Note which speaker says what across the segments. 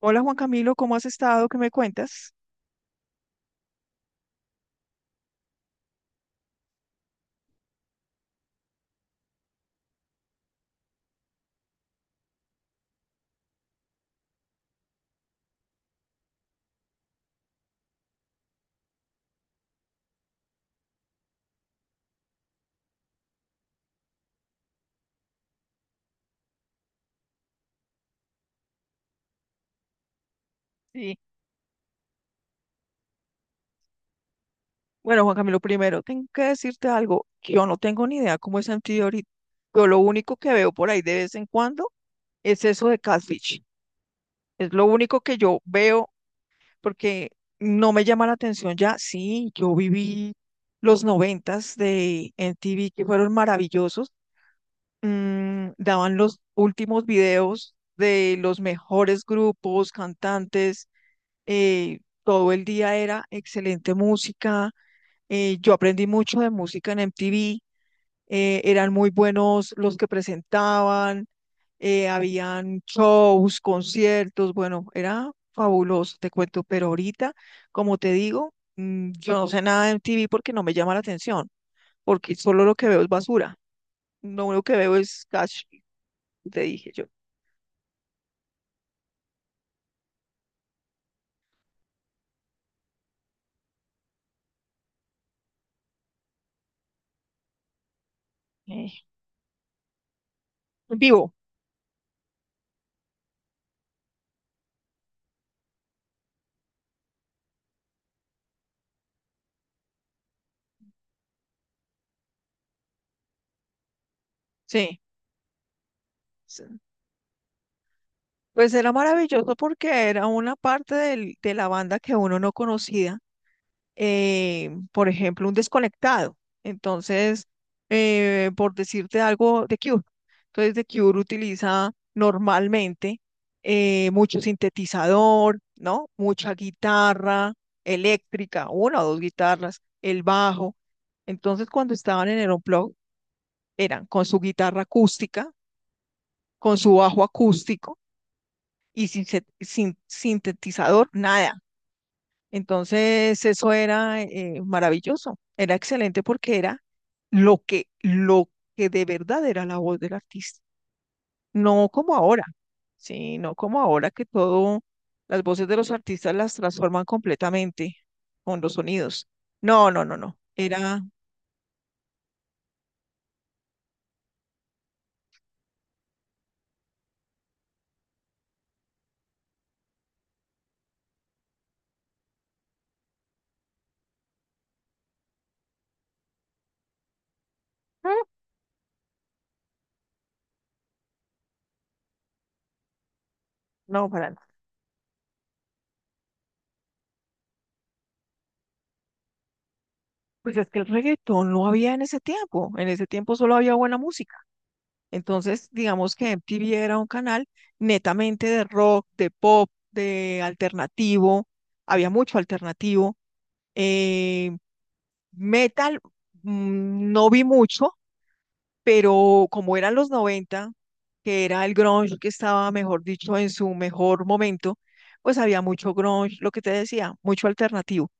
Speaker 1: Hola Juan Camilo, ¿cómo has estado? ¿Qué me cuentas? Sí. Bueno, Juan Camilo, primero tengo que decirte algo. Que Yo no tengo ni idea cómo es Antioquia ahorita. Yo lo único que veo por ahí de vez en cuando es eso de Catfish. Es lo único que yo veo porque no me llama la atención ya. Sí, yo viví los noventas de MTV que fueron maravillosos. Mm, daban los últimos videos de los mejores grupos, cantantes. Todo el día era excelente música. Yo aprendí mucho de música en MTV. Eran muy buenos los que presentaban. Habían shows, conciertos, bueno, era fabuloso, te cuento. Pero ahorita, como te digo, mm, yo no sé nada de MTV porque no me llama la atención, porque solo lo que veo es basura, lo único que veo es cash, te dije yo. eh, en vivo, sí. Pues era maravilloso porque era una parte de la banda que uno no conocía. Por ejemplo, un desconectado. Entonces, por decirte algo, The Cure. Entonces, The Cure utiliza normalmente mucho sintetizador, ¿no? Mucha guitarra eléctrica, una o dos guitarras, el bajo. Entonces, cuando estaban en el Unplugged, eran con su guitarra acústica, con su bajo acústico y sin sintetizador, nada. Entonces, eso era maravilloso, era excelente porque era lo que de verdad era la voz del artista, no como ahora. Sí, no como ahora que todo, las voces de los artistas las transforman completamente con los sonidos. No, no, no, no, era, mm, no, para nada. Pues es que el reggaetón no había en ese tiempo solo había buena música. Entonces, digamos que MTV era un canal netamente de rock, de pop, de alternativo, había mucho alternativo. eh, Metal no vi mucho, pero como eran los 90, que era el grunge que estaba, mejor dicho, en su mejor momento, pues había mucho grunge, lo que te decía, mucho alternativo.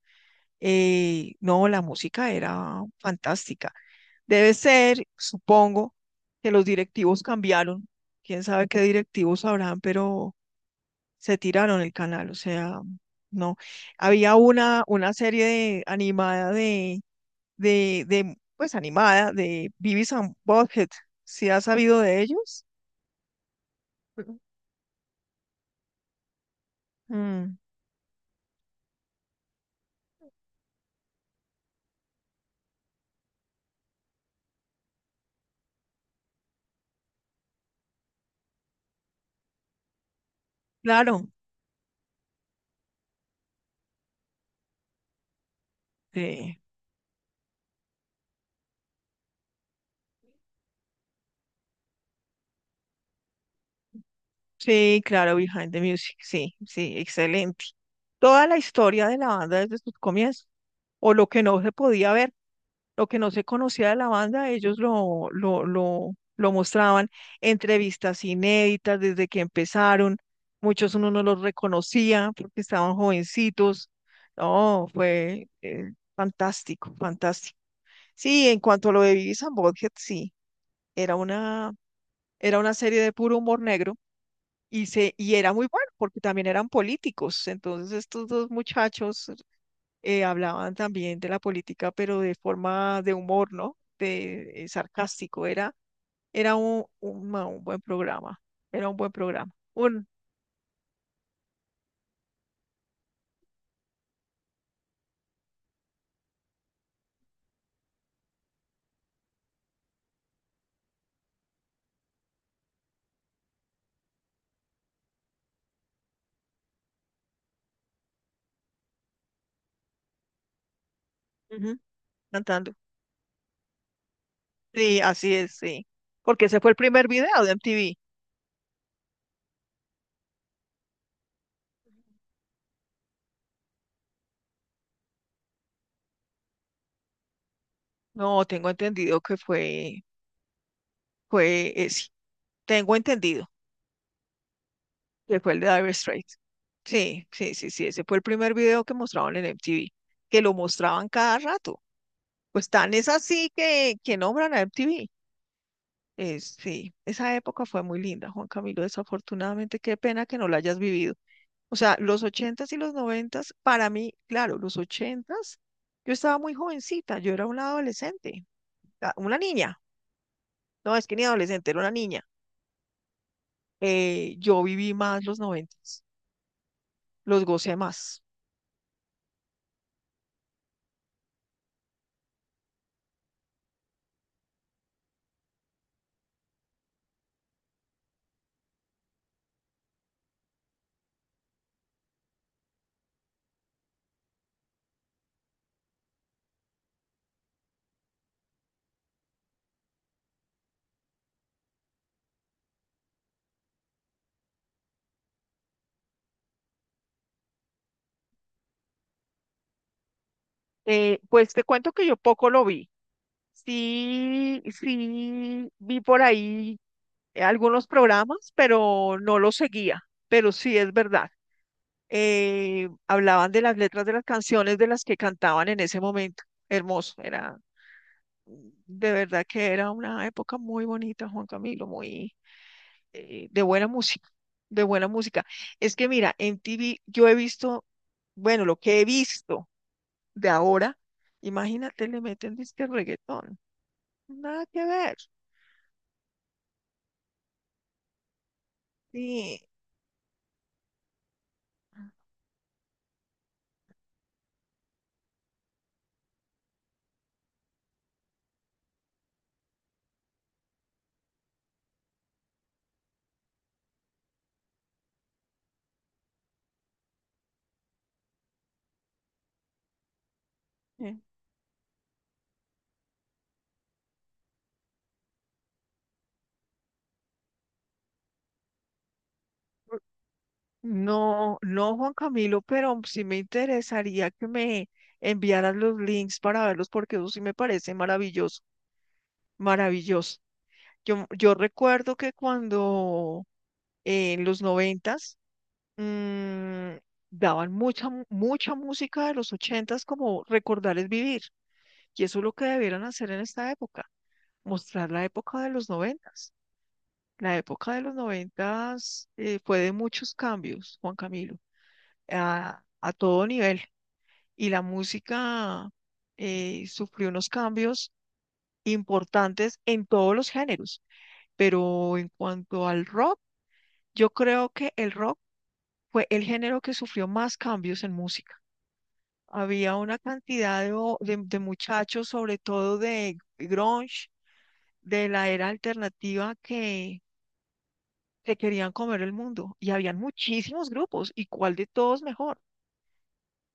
Speaker 1: No, la música era fantástica. Debe ser, supongo, que los directivos cambiaron. Quién sabe qué directivos habrán, pero se tiraron el canal. O sea, no. Había una serie de, animada de, pues animada de Beavis and Butthead. ¿Sí has sabido de ellos? Mm, claro. Sí, sí, claro, Behind the Music. Sí, sí, excelente. Toda la historia de la banda desde sus comienzos, o lo que no se podía ver, lo que no se conocía de la banda, ellos lo mostraban, entrevistas inéditas desde que empezaron. Muchos uno no los reconocía porque estaban jovencitos. No, fue fantástico, fantástico. Sí, en cuanto a lo de Beavis and Butthead, sí, era una, era una serie de puro humor negro. Y era muy bueno porque también eran políticos. Entonces estos dos muchachos hablaban también de la política, pero de forma de humor, ¿no? De sarcástico. Era un buen programa. Era un buen programa. Un, ujú. Cantando. Sí, así es, sí. Porque ese fue el primer video de MTV. No, tengo entendido que fue, fue ese. Tengo entendido que fue el de Dire Straits. Sí, sí, sí, sí. Ese fue el primer video que mostraban en MTV, que lo mostraban cada rato. Pues tan es así que nombran a MTV. Es, sí, esa época fue muy linda, Juan Camilo. Desafortunadamente, qué pena que no la hayas vivido. O sea, los ochentas y los noventas, para mí, claro, los ochentas, yo estaba muy jovencita, yo era una adolescente. Una niña, no es que ni adolescente, era una niña. Yo viví más los noventas, los gocé más. Pues te cuento que yo poco lo vi. Sí, sí, vi por ahí algunos programas, pero no los seguía, pero sí es verdad. Hablaban de las letras de las canciones de las que cantaban en ese momento. Hermoso, era de verdad que era una época muy bonita, Juan Camilo, muy de buena música, de buena música. Es que mira, en TV yo he visto, bueno, lo que he visto de ahora, imagínate, le meten disque reggaetón, nada que ver. Sí. eh, No, no, Juan Camilo, pero sí me interesaría que me enviaras los links para verlos porque eso sí me parece maravilloso, maravilloso. Yo recuerdo que cuando en los noventas mm, daban mucha música de los ochentas como recordarles vivir. Y eso es lo que debieran hacer en esta época, mostrar la época de los noventas. La época de los noventas fue de muchos cambios, Juan Camilo, a todo nivel. Y la música sufrió unos cambios importantes en todos los géneros. Pero en cuanto al rock, yo creo que el rock fue el género que sufrió más cambios en música. Había una cantidad de, de muchachos, sobre todo de grunge, de la era alternativa, que se querían comer el mundo. Y habían muchísimos grupos, y cuál de todos mejor.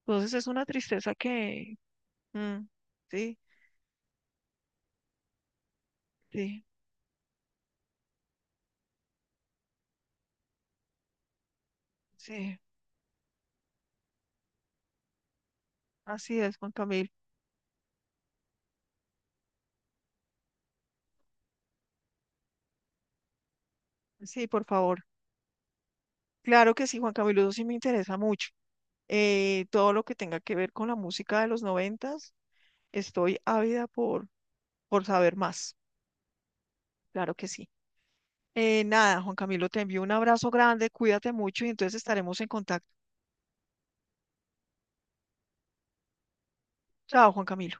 Speaker 1: Entonces es una tristeza que... Mm, sí, sí, sí. Así es, Juan Camilo. Sí, por favor. Claro que sí, Juan Camilo, eso sí me interesa mucho. Todo lo que tenga que ver con la música de los noventas, estoy ávida por saber más. Claro que sí. Nada, Juan Camilo, te envío un abrazo grande, cuídate mucho y entonces estaremos en contacto. Chao, Juan Camilo.